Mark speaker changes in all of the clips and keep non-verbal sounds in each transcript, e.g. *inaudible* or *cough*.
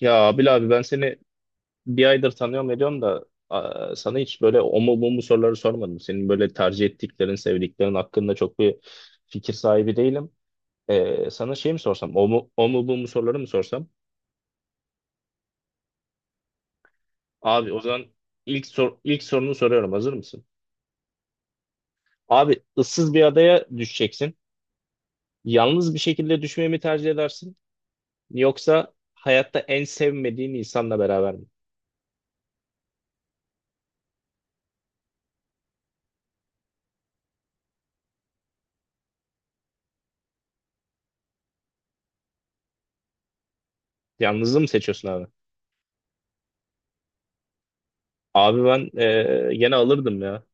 Speaker 1: Ya Abil abi ben seni bir aydır tanıyorum ediyorum da sana hiç böyle o mu bu mu soruları sormadım. Senin böyle tercih ettiklerin, sevdiklerin hakkında çok bir fikir sahibi değilim. Sana şey mi sorsam? O mu, bu mu soruları mı sorsam? Abi o zaman ilk sor, ilk sorunu soruyorum. Hazır mısın? Abi ıssız bir adaya düşeceksin. Yalnız bir şekilde düşmeyi mi tercih edersin? Yoksa hayatta en sevmediğin insanla beraber mi? Yalnızlığı mı seçiyorsun abi? Abi ben gene alırdım ya.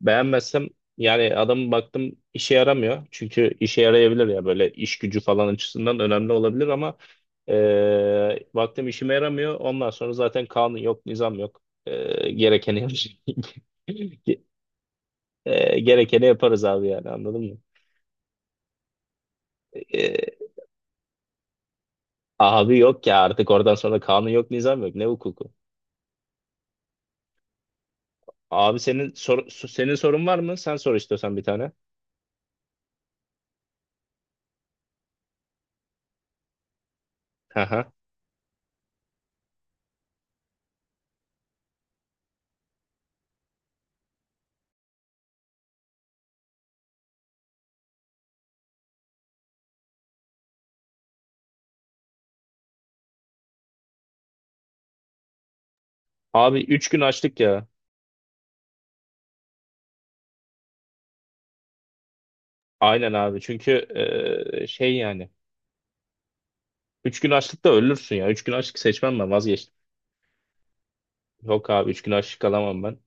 Speaker 1: Beğenmezsem yani adamı baktım işe yaramıyor. Çünkü işe yarayabilir ya böyle iş gücü falan açısından önemli olabilir ama baktım işime yaramıyor. Ondan sonra zaten kanun yok, nizam yok. E, gerekeni yap- *laughs* Gerekeni yaparız abi yani anladın mı? E, Abi yok ya artık oradan sonra kanun yok, nizam yok. Ne hukuku? Abi senin senin sorun var mı? Sen sor istiyorsan bir tane. Hı. Abi 3 gün açlık ya. Aynen abi. Çünkü şey yani. 3 gün açlıkta ölürsün ya. 3 gün açlık seçmem ben vazgeçtim. Yok abi 3 gün açlık alamam ben.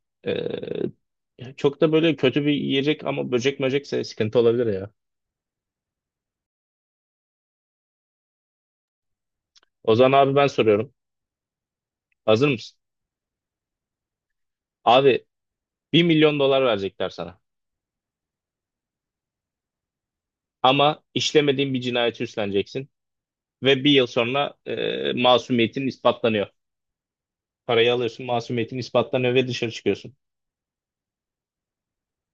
Speaker 1: Çok da böyle kötü bir yiyecek ama böcek möcekse sıkıntı olabilir ya. O zaman abi ben soruyorum. Hazır mısın? Abi 1 milyon dolar verecekler sana. Ama işlemediğin bir cinayeti üstleneceksin. Ve bir yıl sonra masumiyetin ispatlanıyor. Parayı alıyorsun masumiyetin ispatlanıyor ve dışarı çıkıyorsun.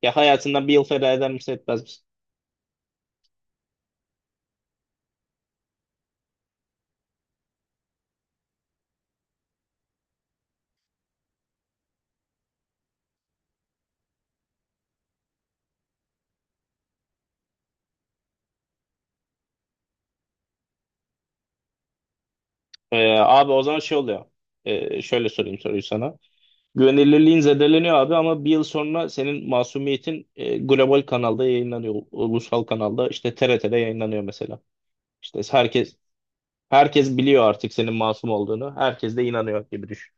Speaker 1: Ya hayatından bir yıl feda eder misin etmez misin? Abi o zaman şey oluyor. Şöyle sorayım soruyu sana. Güvenilirliğin zedeleniyor abi ama bir yıl sonra senin Masumiyet'in global kanalda yayınlanıyor. Ulusal kanalda işte T R TRT'de yayınlanıyor mesela. İşte herkes biliyor artık senin masum olduğunu. Herkes de inanıyor gibi düşün.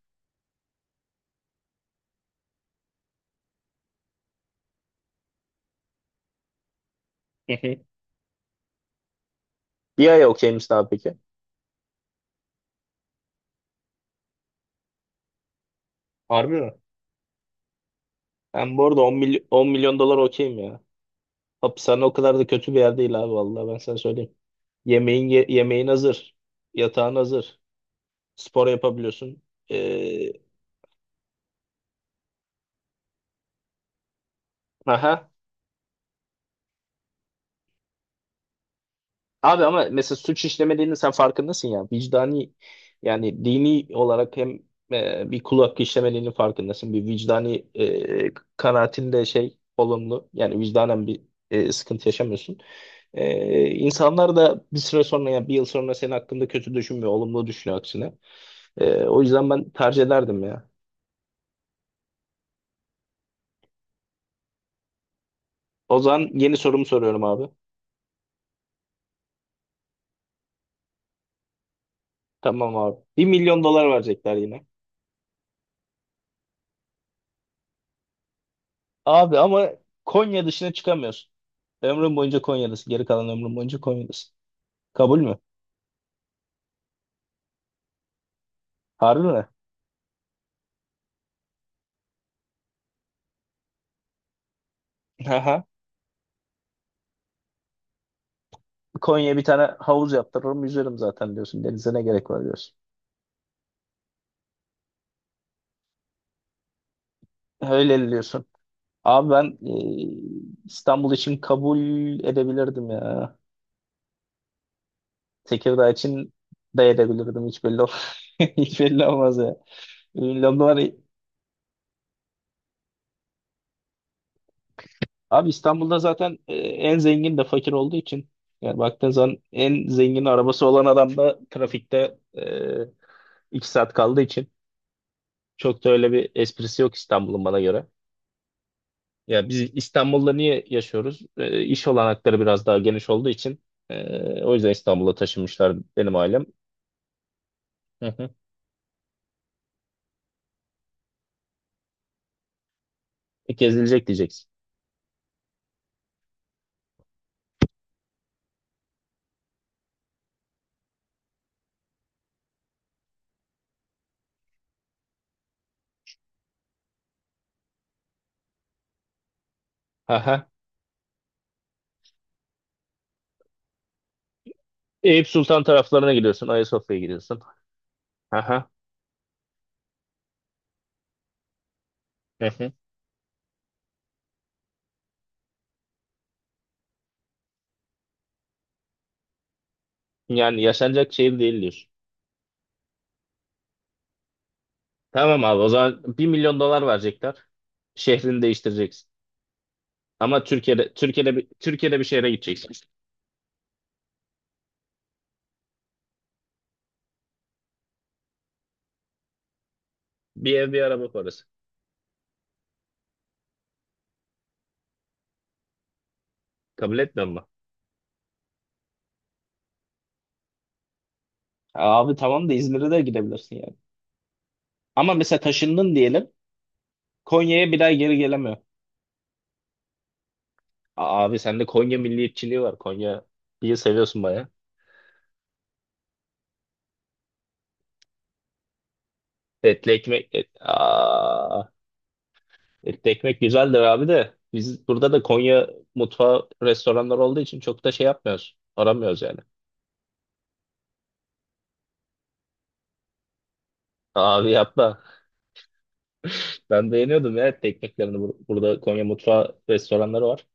Speaker 1: *laughs* Bir ay okey misin abi peki? Harbi mi? Ben bu arada 10 milyon dolar okeyim ya. Hapishane o kadar da kötü bir yer değil abi vallahi ben sana söyleyeyim. Yemeğin yemeğin hazır. Yatağın hazır. Spor yapabiliyorsun. Ee, aha. Abi ama mesela suç işlemediğini sen farkındasın ya. Vicdani yani dini olarak hem bir kul hakkı işlemediğinin farkındasın. Bir vicdani kanaatinde şey olumlu. Yani vicdanen bir sıkıntı yaşamıyorsun. İnsanlar da bir süre sonra ya bir yıl sonra senin hakkında kötü düşünmüyor. Olumlu düşünüyor aksine. O yüzden ben tercih ederdim ya. O zaman yeni sorumu soruyorum abi. Tamam abi. 1 milyon dolar verecekler yine. Abi ama Konya dışına çıkamıyorsun. Ömrüm boyunca Konya'dasın. Geri kalan ömrüm boyunca Konya'dasın. Kabul mü? Harbi mi? Aha. Konya'ya bir tane havuz yaptırırım yüzerim zaten diyorsun. Denize ne gerek var diyorsun. Öyle diyorsun. Abi ben İstanbul için kabul edebilirdim ya. Tekirdağ için de edebilirdim. *laughs* Hiç belli olmaz ya. Bilmiyorum, var. Abi İstanbul'da zaten en zengin de fakir olduğu için yani baktığın zaman en zengin arabası olan adam da trafikte 2 saat kaldığı için çok da öyle bir esprisi yok İstanbul'un bana göre. Ya biz İstanbul'da niye yaşıyoruz? İş olanakları biraz daha geniş olduğu için o yüzden İstanbul'a taşınmışlar benim ailem. Hı hı. Gezilecek diyeceksin. Aha. Eyüp Sultan taraflarına gidiyorsun, Ayasofya'ya gidiyorsun. Aha. Hı hı. Yani yaşanacak şehir değil diyorsun. Tamam abi o zaman 1 milyon dolar verecekler. Şehrini değiştireceksin. Ama Türkiye'de bir şehre gideceksin. Bir ev bir araba parası. Kabul etmiyor musun? Abi tamam da İzmir'e de gidebilirsin. Ama mesela taşındın diyelim. Konya'ya bir daha geri gelemiyor. Abi sende Konya milliyetçiliği var. Konya bir seviyorsun baya. Etli ekmek et, aa, Etli ekmek güzeldir abi de biz burada da Konya mutfağı restoranlar olduğu için çok da şey yapmıyoruz. Aramıyoruz yani. Abi yapma. Ben beğeniyordum ya etli ekmeklerini. Burada Konya mutfağı restoranları var.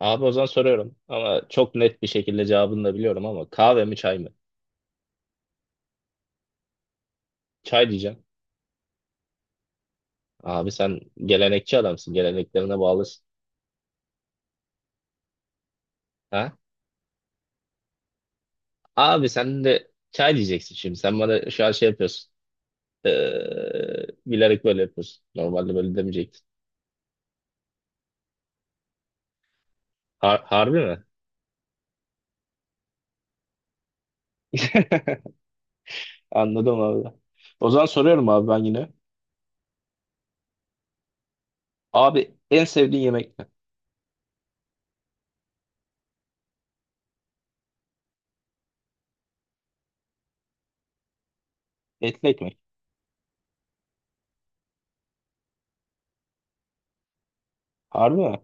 Speaker 1: Abi o zaman soruyorum. Ama çok net bir şekilde cevabını da biliyorum ama kahve mi çay mı? Çay diyeceğim. Abi sen gelenekçi adamsın. Geleneklerine bağlısın. Ha? Abi sen de çay diyeceksin şimdi. Sen bana şu an şey yapıyorsun. Bilerek böyle yapıyorsun. Normalde böyle demeyecektin. Harbi mi? *laughs* Anladım abi. O zaman soruyorum abi ben yine. Abi en sevdiğin yemek ne? Etli ekmek. Harbi mi?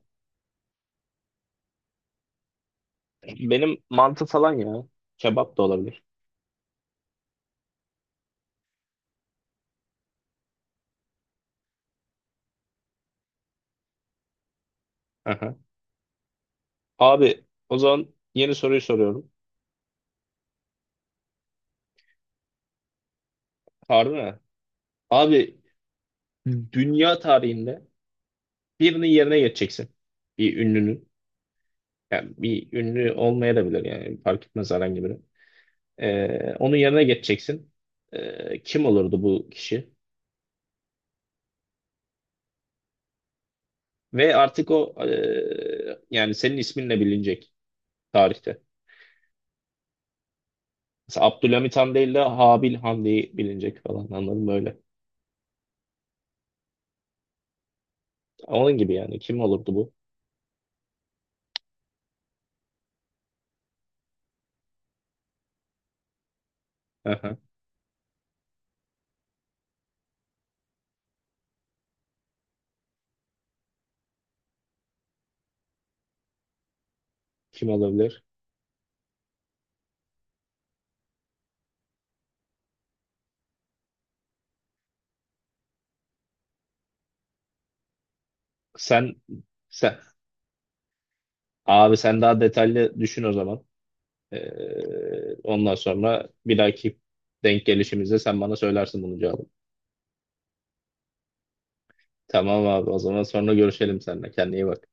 Speaker 1: Benim mantı falan ya. Kebap da olabilir. Aha. Abi o zaman yeni soruyu soruyorum. Harbi mi? Abi dünya tarihinde birinin yerine geçeceksin. Bir ünlünün. Yani bir ünlü olmaya da bilir yani fark etmez herhangi biri. Onun yerine geçeceksin. Kim olurdu bu kişi? Ve artık o yani senin isminle bilinecek tarihte. Mesela Abdülhamit Han değil de Habil Han diye bilinecek falan anladın mı öyle? Onun gibi yani kim olurdu bu? Aha, kim olabilir? Sen, sen, abi sen daha detaylı düşün o zaman. Ondan sonra bir dahaki denk gelişimizde sen bana söylersin bunun cevabını. Tamam abi o zaman sonra görüşelim seninle. Kendine iyi bak.